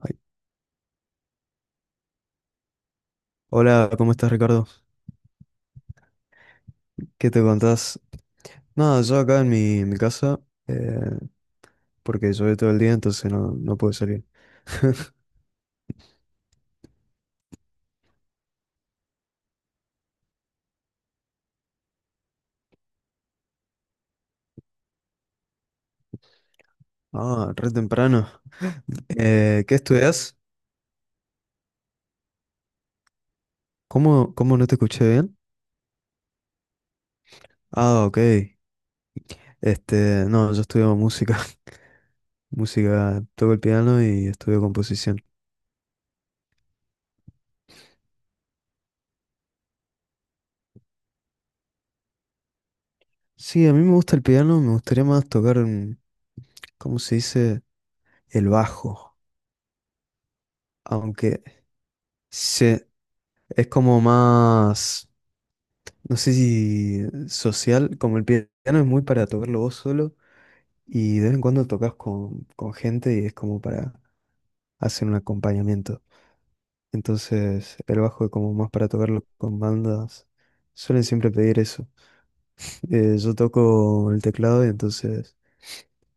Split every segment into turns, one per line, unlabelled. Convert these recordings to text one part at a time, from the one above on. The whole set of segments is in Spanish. Ay. Hola, ¿cómo estás, Ricardo? ¿Qué te contás? Nada, yo acá en mi casa, eh, porque llovió todo el día, entonces no pude salir. Ah, re temprano. ¿Qué estudias? ¿Cómo no te escuché bien? Ah, ok. Este, no, yo estudio música. Música, toco el piano y estudio composición. Sí, a mí me gusta el piano, me gustaría más tocar, ¿cómo se dice? El bajo, aunque se, es como más, no sé si social, como el piano es muy para tocarlo vos solo y de vez en cuando tocas con gente y es como para hacer un acompañamiento. Entonces el bajo es como más para tocarlo con bandas. Suelen siempre pedir eso. Yo toco el teclado y entonces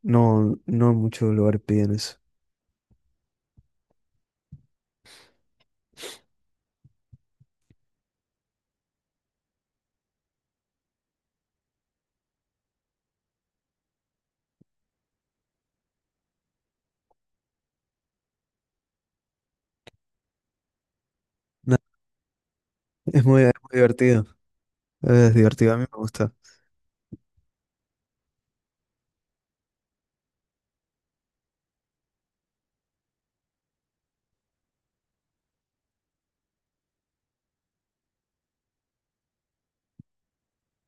no en muchos lugares piden eso. Nada, es muy divertido. Es divertido, a mí me gusta.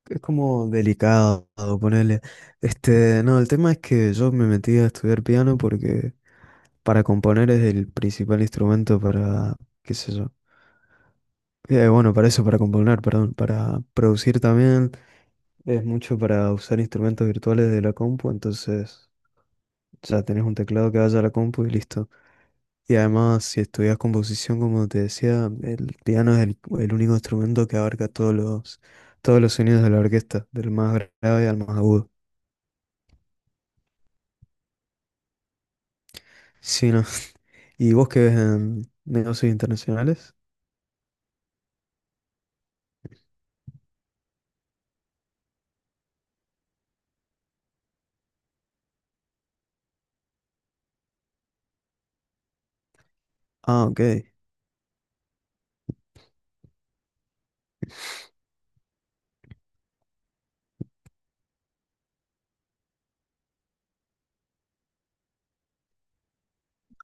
Es como delicado, ponerle. Este, no, el tema es que yo me metí a estudiar piano porque para componer es el principal instrumento para, qué sé yo. Bueno, para eso, para componer, perdón, para producir también. Es mucho para usar instrumentos virtuales de la compu, entonces ya tenés un teclado que vaya a la compu y listo. Y además, si estudias composición, como te decía, el piano es el único instrumento que abarca todos los sonidos de la orquesta, del más grave al más agudo. Sí, ¿no? ¿Y vos qué ves en negocios internacionales? Ah, ok.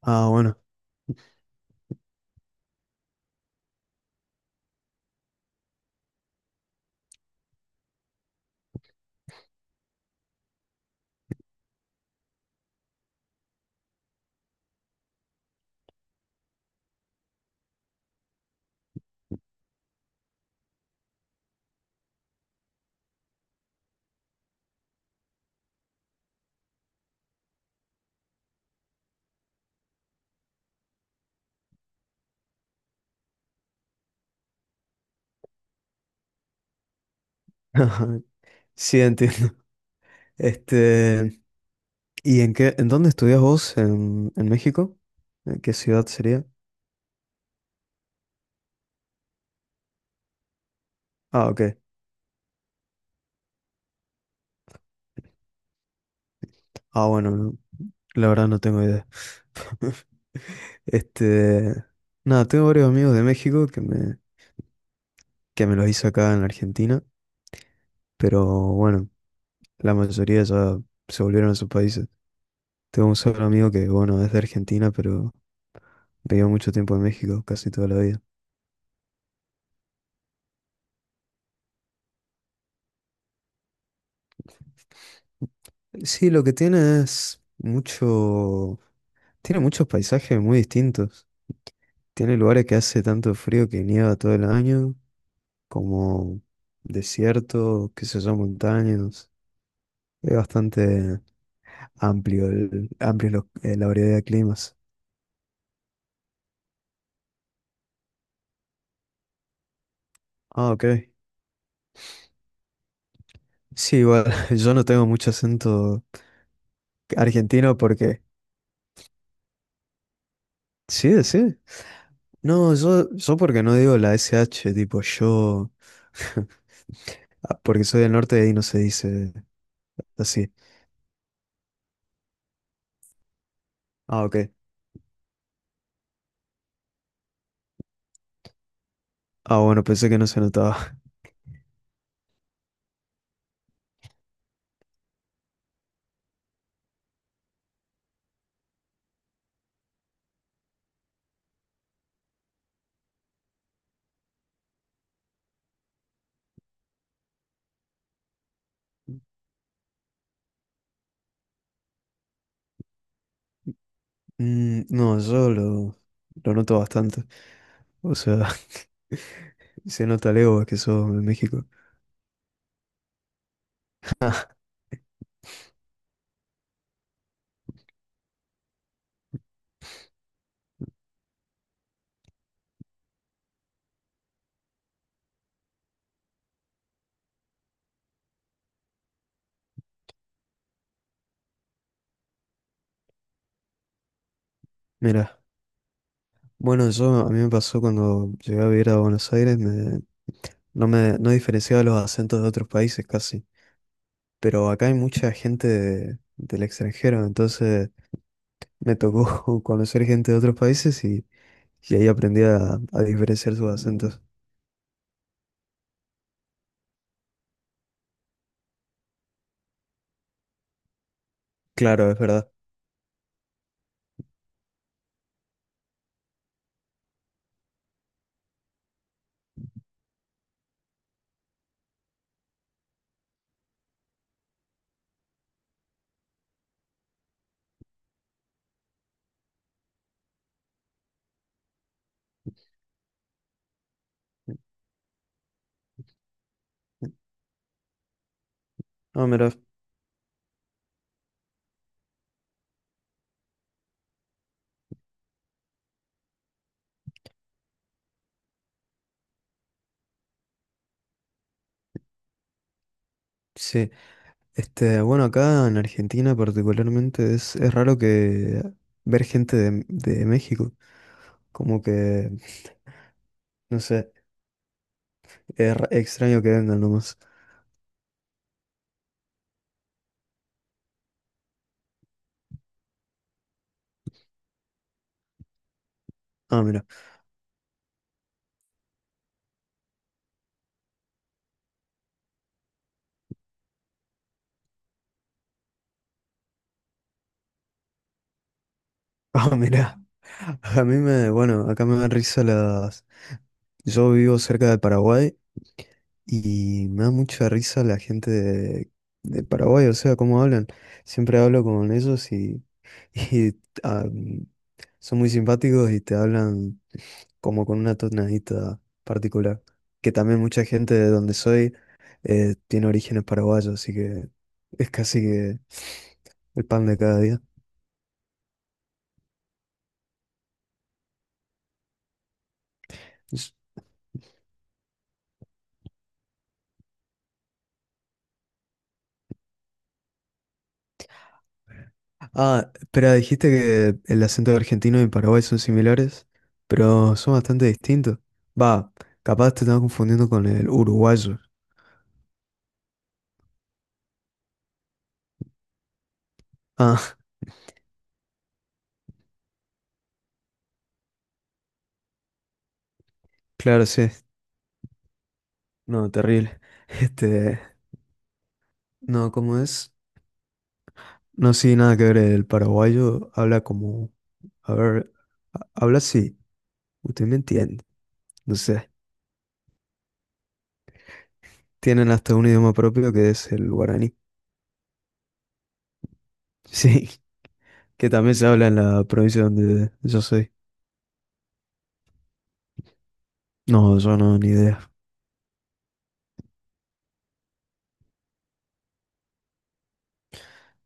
Ah, bueno. Sí, entiendo. Este, ¿y en dónde estudias vos en México? ¿En qué ciudad sería? Ah, ok. Ah, bueno, no, la verdad no tengo idea. Este, nada, tengo varios amigos de México que me los hice acá en Argentina, pero bueno, la mayoría ya se volvieron a sus países. Tengo un solo amigo que, bueno, es de Argentina, pero vivió mucho tiempo en México, casi toda la vida. Sí, lo que tiene es mucho, tiene muchos paisajes muy distintos. Tiene lugares que hace tanto frío que nieva todo el año, como desierto, qué sé yo, montañas. Es bastante amplio, la variedad de climas. Ah, ok. Sí, igual, yo no tengo mucho acento argentino porque... Sí, sí. No, yo porque no digo la SH, tipo yo... Porque soy del norte y ahí no se dice así. Ah, ok. Ah, bueno, pensé que no se notaba. No, yo lo noto bastante. O sea, se nota lejos que sos de México. Mira, bueno, yo a mí me pasó cuando llegué a vivir a Buenos Aires, me no diferenciaba los acentos de otros países casi. Pero acá hay mucha gente del extranjero, entonces me tocó conocer gente de otros países y ahí aprendí a diferenciar sus acentos. Claro, es verdad. No, mira, sí. Este, bueno, acá en Argentina particularmente es raro que ver gente de México. Como que, no sé, extraño que vengan nomás. Ah, mira. Ah, mira. A mí me, bueno, acá me dan risa las. Yo vivo cerca de Paraguay. Y me da mucha risa la gente de Paraguay, o sea, cómo hablan. Siempre hablo con ellos y, y, ah, son muy simpáticos y te hablan como con una tonadita particular. Que también mucha gente de donde soy tiene orígenes paraguayos, así que es casi que el pan de cada día. Es- Ah, espera, dijiste que el acento argentino y Paraguay son similares, pero son bastante distintos. Va, capaz te estás confundiendo con el uruguayo. Ah. Claro, sí. No, terrible. Este, no, ¿cómo es? No, sí, nada que ver. El paraguayo habla como, a ver, habla así. Usted me entiende. No sé. Tienen hasta un idioma propio que es el guaraní. Sí, que también se habla en la provincia donde yo soy. No, yo no, ni idea.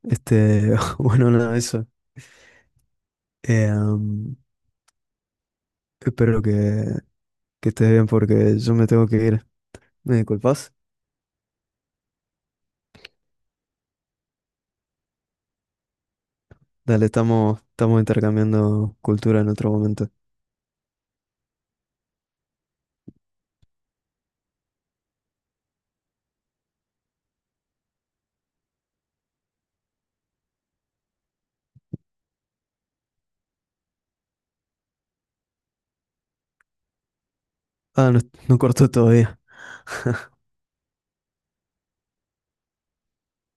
Este, bueno, nada, eso. Eh, am, espero que estés bien porque yo me tengo que ir. ¿Me disculpas? Dale, estamos intercambiando cultura en otro momento. Ah, no, no cortó todavía.